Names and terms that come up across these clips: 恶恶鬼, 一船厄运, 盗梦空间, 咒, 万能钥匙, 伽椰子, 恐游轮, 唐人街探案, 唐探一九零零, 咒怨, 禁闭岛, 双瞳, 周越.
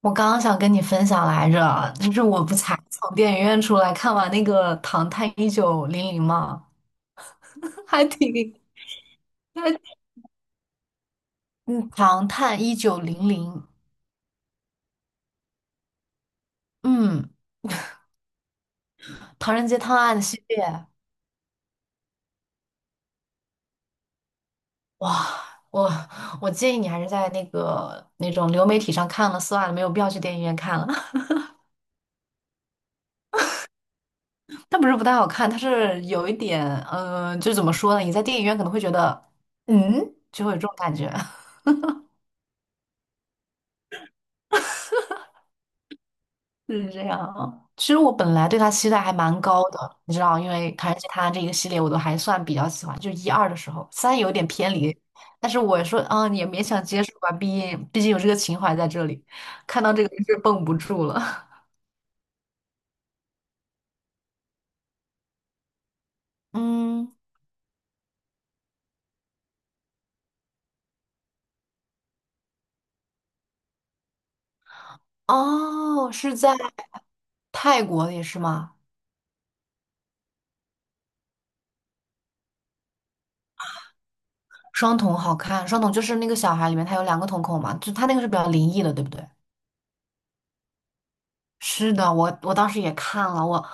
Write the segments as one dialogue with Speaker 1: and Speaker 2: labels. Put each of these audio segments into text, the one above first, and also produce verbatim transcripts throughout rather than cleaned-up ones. Speaker 1: 我刚刚想跟你分享来着，就是我不才从电影院出来看完那个《唐探一九零零》嘛，还挺，还嗯，《唐探一九零零》，嗯，《唐人街探案》系列，哇，我我建议你还是在那个那种流媒体上看了算了，没有必要去电影院看了。它不是不太好看，它是有一点，嗯、呃就怎么说呢？你在电影院可能会觉得，嗯，就会有这种感觉。就是这样。啊，其实我本来对他期待还蛮高的，你知道，因为而且他这个系列我都还算比较喜欢，就一二的时候，三有点偏离，但是我说，啊也勉强接受吧，毕竟毕竟有这个情怀在这里，看到这个是绷不住了。嗯，哦，是在泰国里也是吗？双瞳好看，双瞳就是那个小孩里面他有两个瞳孔嘛，就他那个是比较灵异的，对不对？是的，我我当时也看了，我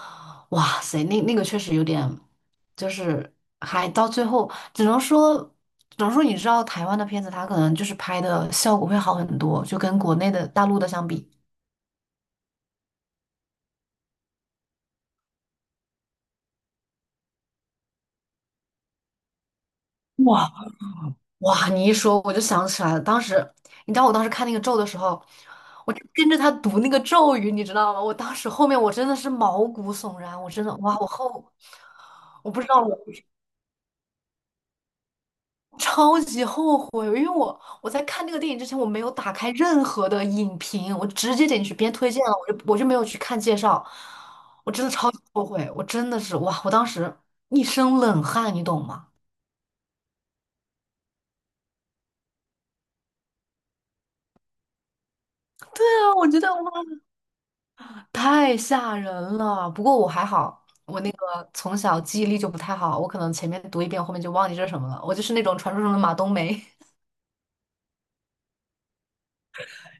Speaker 1: 哇塞，那那个确实有点，就是还到最后，只能说，只能说你知道台湾的片子，它可能就是拍的效果会好很多，就跟国内的大陆的相比。哇，哇，你一说我就想起来了，当时你知道我当时看那个咒的时候，我就跟着他读那个咒语，你知道吗？我当时后面我真的是毛骨悚然，我真的哇，我后我不知道我。超级后悔，因为我我在看那个电影之前，我没有打开任何的影评，我直接点进去，别人推荐了，我就我就没有去看介绍，我真的超级后悔，我真的是哇，我当时一身冷汗，你懂吗？对啊，我觉得哇，太吓人了。不过我还好，我那个从小记忆力就不太好，我可能前面读一遍，后面就忘记这是什么了。我就是那种传说中的马冬梅。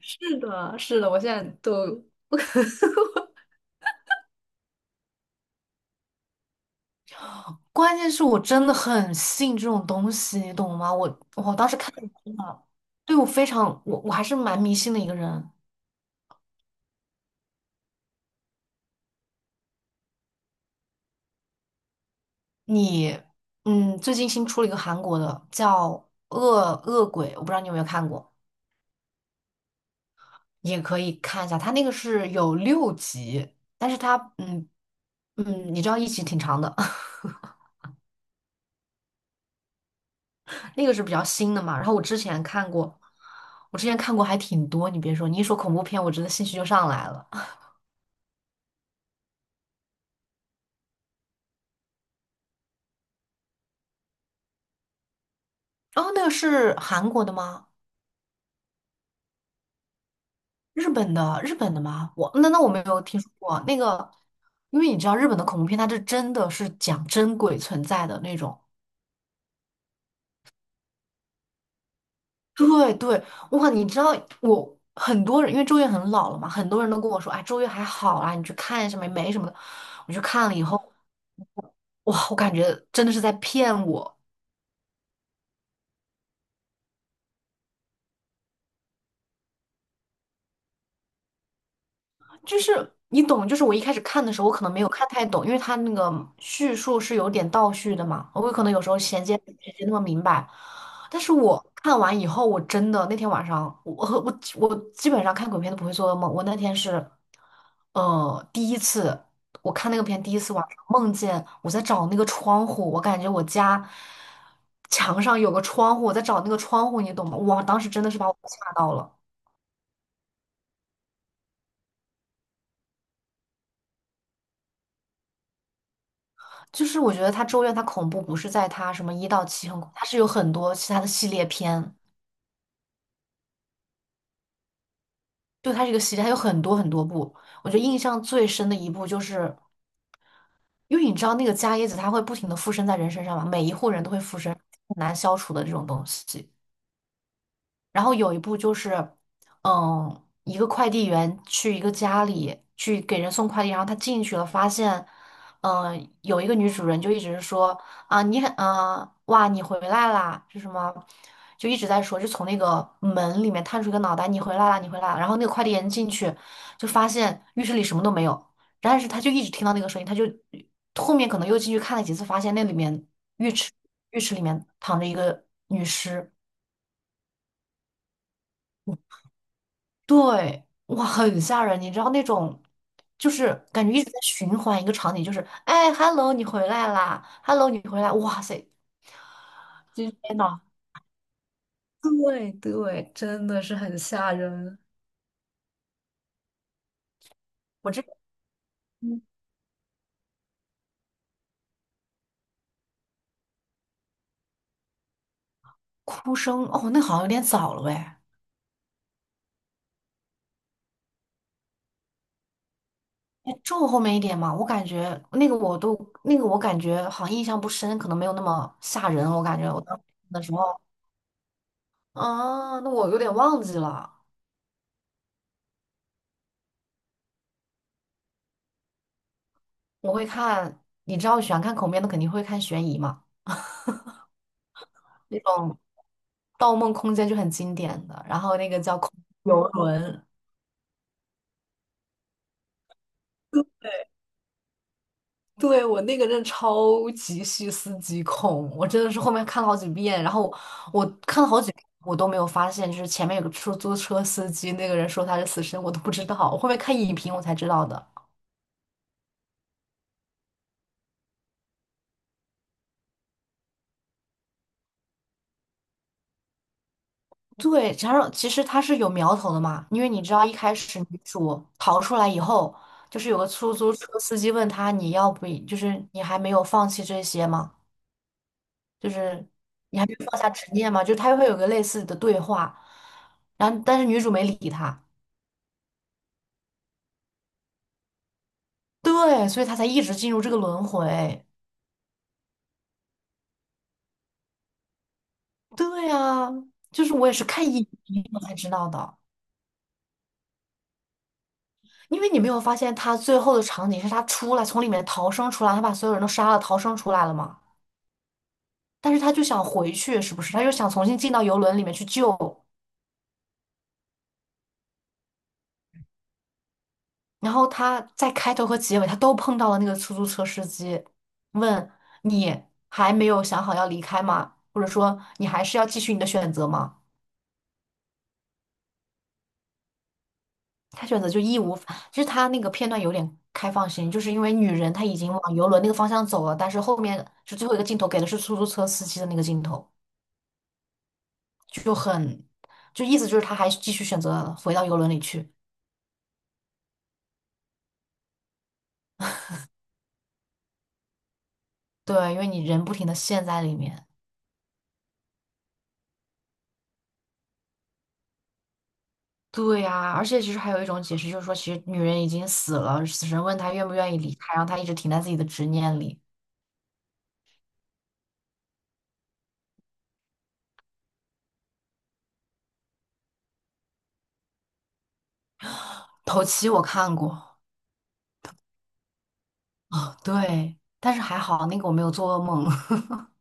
Speaker 1: 是的，是的，我现在都关键是我真的很信这种东西，你懂吗？我我当时看了，对我非常，我我还是蛮迷信的一个人。你，嗯，最近新出了一个韩国的叫《恶恶鬼》，我不知道你有没有看过，也可以看一下。它那个是有六集，但是它，嗯嗯，你知道一集挺长的，那个是比较新的嘛。然后我之前看过，我之前看过还挺多。你别说，你一说恐怖片，我真的兴趣就上来了。哦，那个是韩国的吗？日本的日本的吗？我那那我没有听说过那个，因为你知道日本的恐怖片，它是真的是讲真鬼存在的那种。对对，哇，你知道我很多人，因为周越很老了嘛，很多人都跟我说，哎，周越还好啦，你去看一下没没什么的。我去看了以后，哇，我感觉真的是在骗我。就是你懂，就是我一开始看的时候，我可能没有看太懂，因为它那个叙述是有点倒叙的嘛，我可能有时候衔接衔接那么明白。但是我看完以后，我真的那天晚上，我我我基本上看鬼片都不会做噩梦。我那天是，呃，第一次我看那个片，第一次晚上梦见我在找那个窗户，我感觉我家墙上有个窗户，我在找那个窗户，你懂吗？哇，当时真的是把我吓到了。就是我觉得它《咒怨》它恐怖不是在它什么一到七很恐，它是有很多其他的系列片，就它这个系列，它有很多很多部。我觉得印象最深的一部就是，因为你知道那个伽椰子它会不停的附身在人身上嘛，每一户人都会附身，很难消除的这种东西。然后有一部就是，嗯，一个快递员去一个家里去给人送快递，然后他进去了，发现，嗯，有一个女主人就一直说啊，你很，嗯，哇，你回来啦，是什么？就一直在说，就从那个门里面探出一个脑袋，你回来啦，你回来啦。然后那个快递员进去，就发现浴室里什么都没有，但是他就一直听到那个声音，他就后面可能又进去看了几次，发现那里面浴室里面躺着一个女尸。对，哇，很吓人，你知道那种，就是感觉一直在循环一个场景，就是哎，hello,你回来啦，hello,你回来，哇塞，就是天呐，对对，真的是很吓人。我这嗯哭声，哦，那好像有点早了喂，哎，就后面一点嘛，我感觉那个我都那个我感觉好像印象不深，可能没有那么吓人，我感觉我当时看的时候，啊，那我有点忘记了，我会看，你知道我喜欢看恐怖片的，肯定会看悬疑嘛，那种。《盗梦空间》就很经典的，然后那个叫恐游轮，对我那个真的超级细思极恐，我真的是后面看了好几遍，然后我看了好几遍，我都没有发现，就是前面有个出租车司机，那个人说他是死神，我都不知道，我后面看影评我才知道的。对，加上其实它是有苗头的嘛，因为你知道一开始女主逃出来以后，就是有个出租车司机问他你要不就是你还没有放弃这些吗？就是你还没有放下执念嘛，就是他会有个类似的对话，然后但是女主没理他，对，所以他才一直进入这个轮回。对啊，就是我也是看影评我才知道的，因为你没有发现他最后的场景是他出来从里面逃生出来，他把所有人都杀了，逃生出来了嘛，但是他就想回去，是不是？他又想重新进到游轮里面去救。然后他在开头和结尾，他都碰到了那个出租车司机，问你还没有想好要离开吗？或者说你还是要继续你的选择吗？他选择就义无反，就是他那个片段有点开放性，就是因为女人她已经往游轮那个方向走了，但是后面就最后一个镜头给的是出租车司机的那个镜头，就很，就意思就是他还继续选择回到游轮里去，对，因为你人不停的陷在里面。对呀，而且其实还有一种解释，就是说，其实女人已经死了，死神问她愿不愿意离开，让她一直停在自己的执念里。头七我看过，对，但是还好那个我没有做噩梦。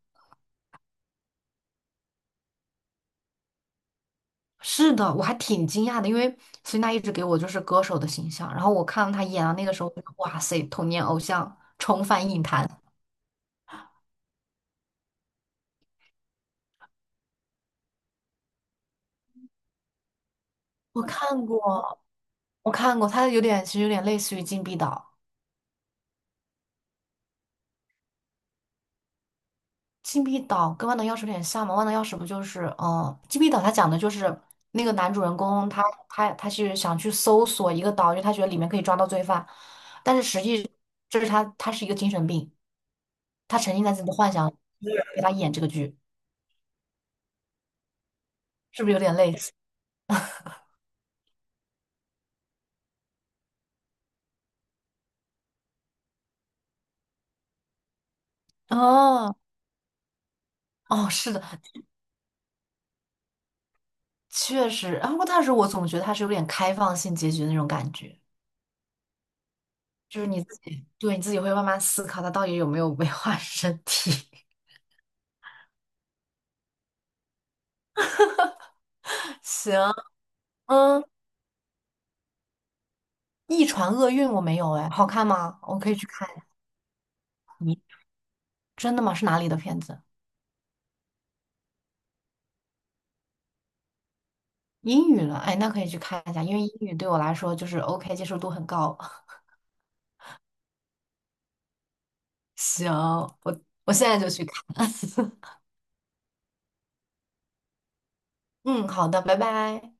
Speaker 1: 是的，我还挺惊讶的，因为孙娜一直给我就是歌手的形象，然后我看到她演的那个时候，我就哇塞，童年偶像重返影坛。我看过，我看过，她有点其实有点类似于《禁闭岛》。禁闭岛跟万能钥匙有点像吗？万能钥匙不就是，呃，禁闭岛它讲的就是那个男主人公他他他是想去搜索一个岛，因为他觉得里面可以抓到罪犯，但是实际这是他他是一个精神病，他沉浸在自己的幻想，给他演这个剧，是不是有点类似？哦，哦，是的，确实。然后，但是我总觉得他是有点开放性结局的那种感觉，就是你自己，对，你自己会慢慢思考它到底有没有危害身体。行，嗯。《一船厄运》我没有哎，好看吗？我可以去看。你真的吗？是哪里的片子？英语了，哎，那可以去看一下，因为英语对我来说就是 OK,接受度很高。行，我我现在就去看。嗯，好的，拜拜。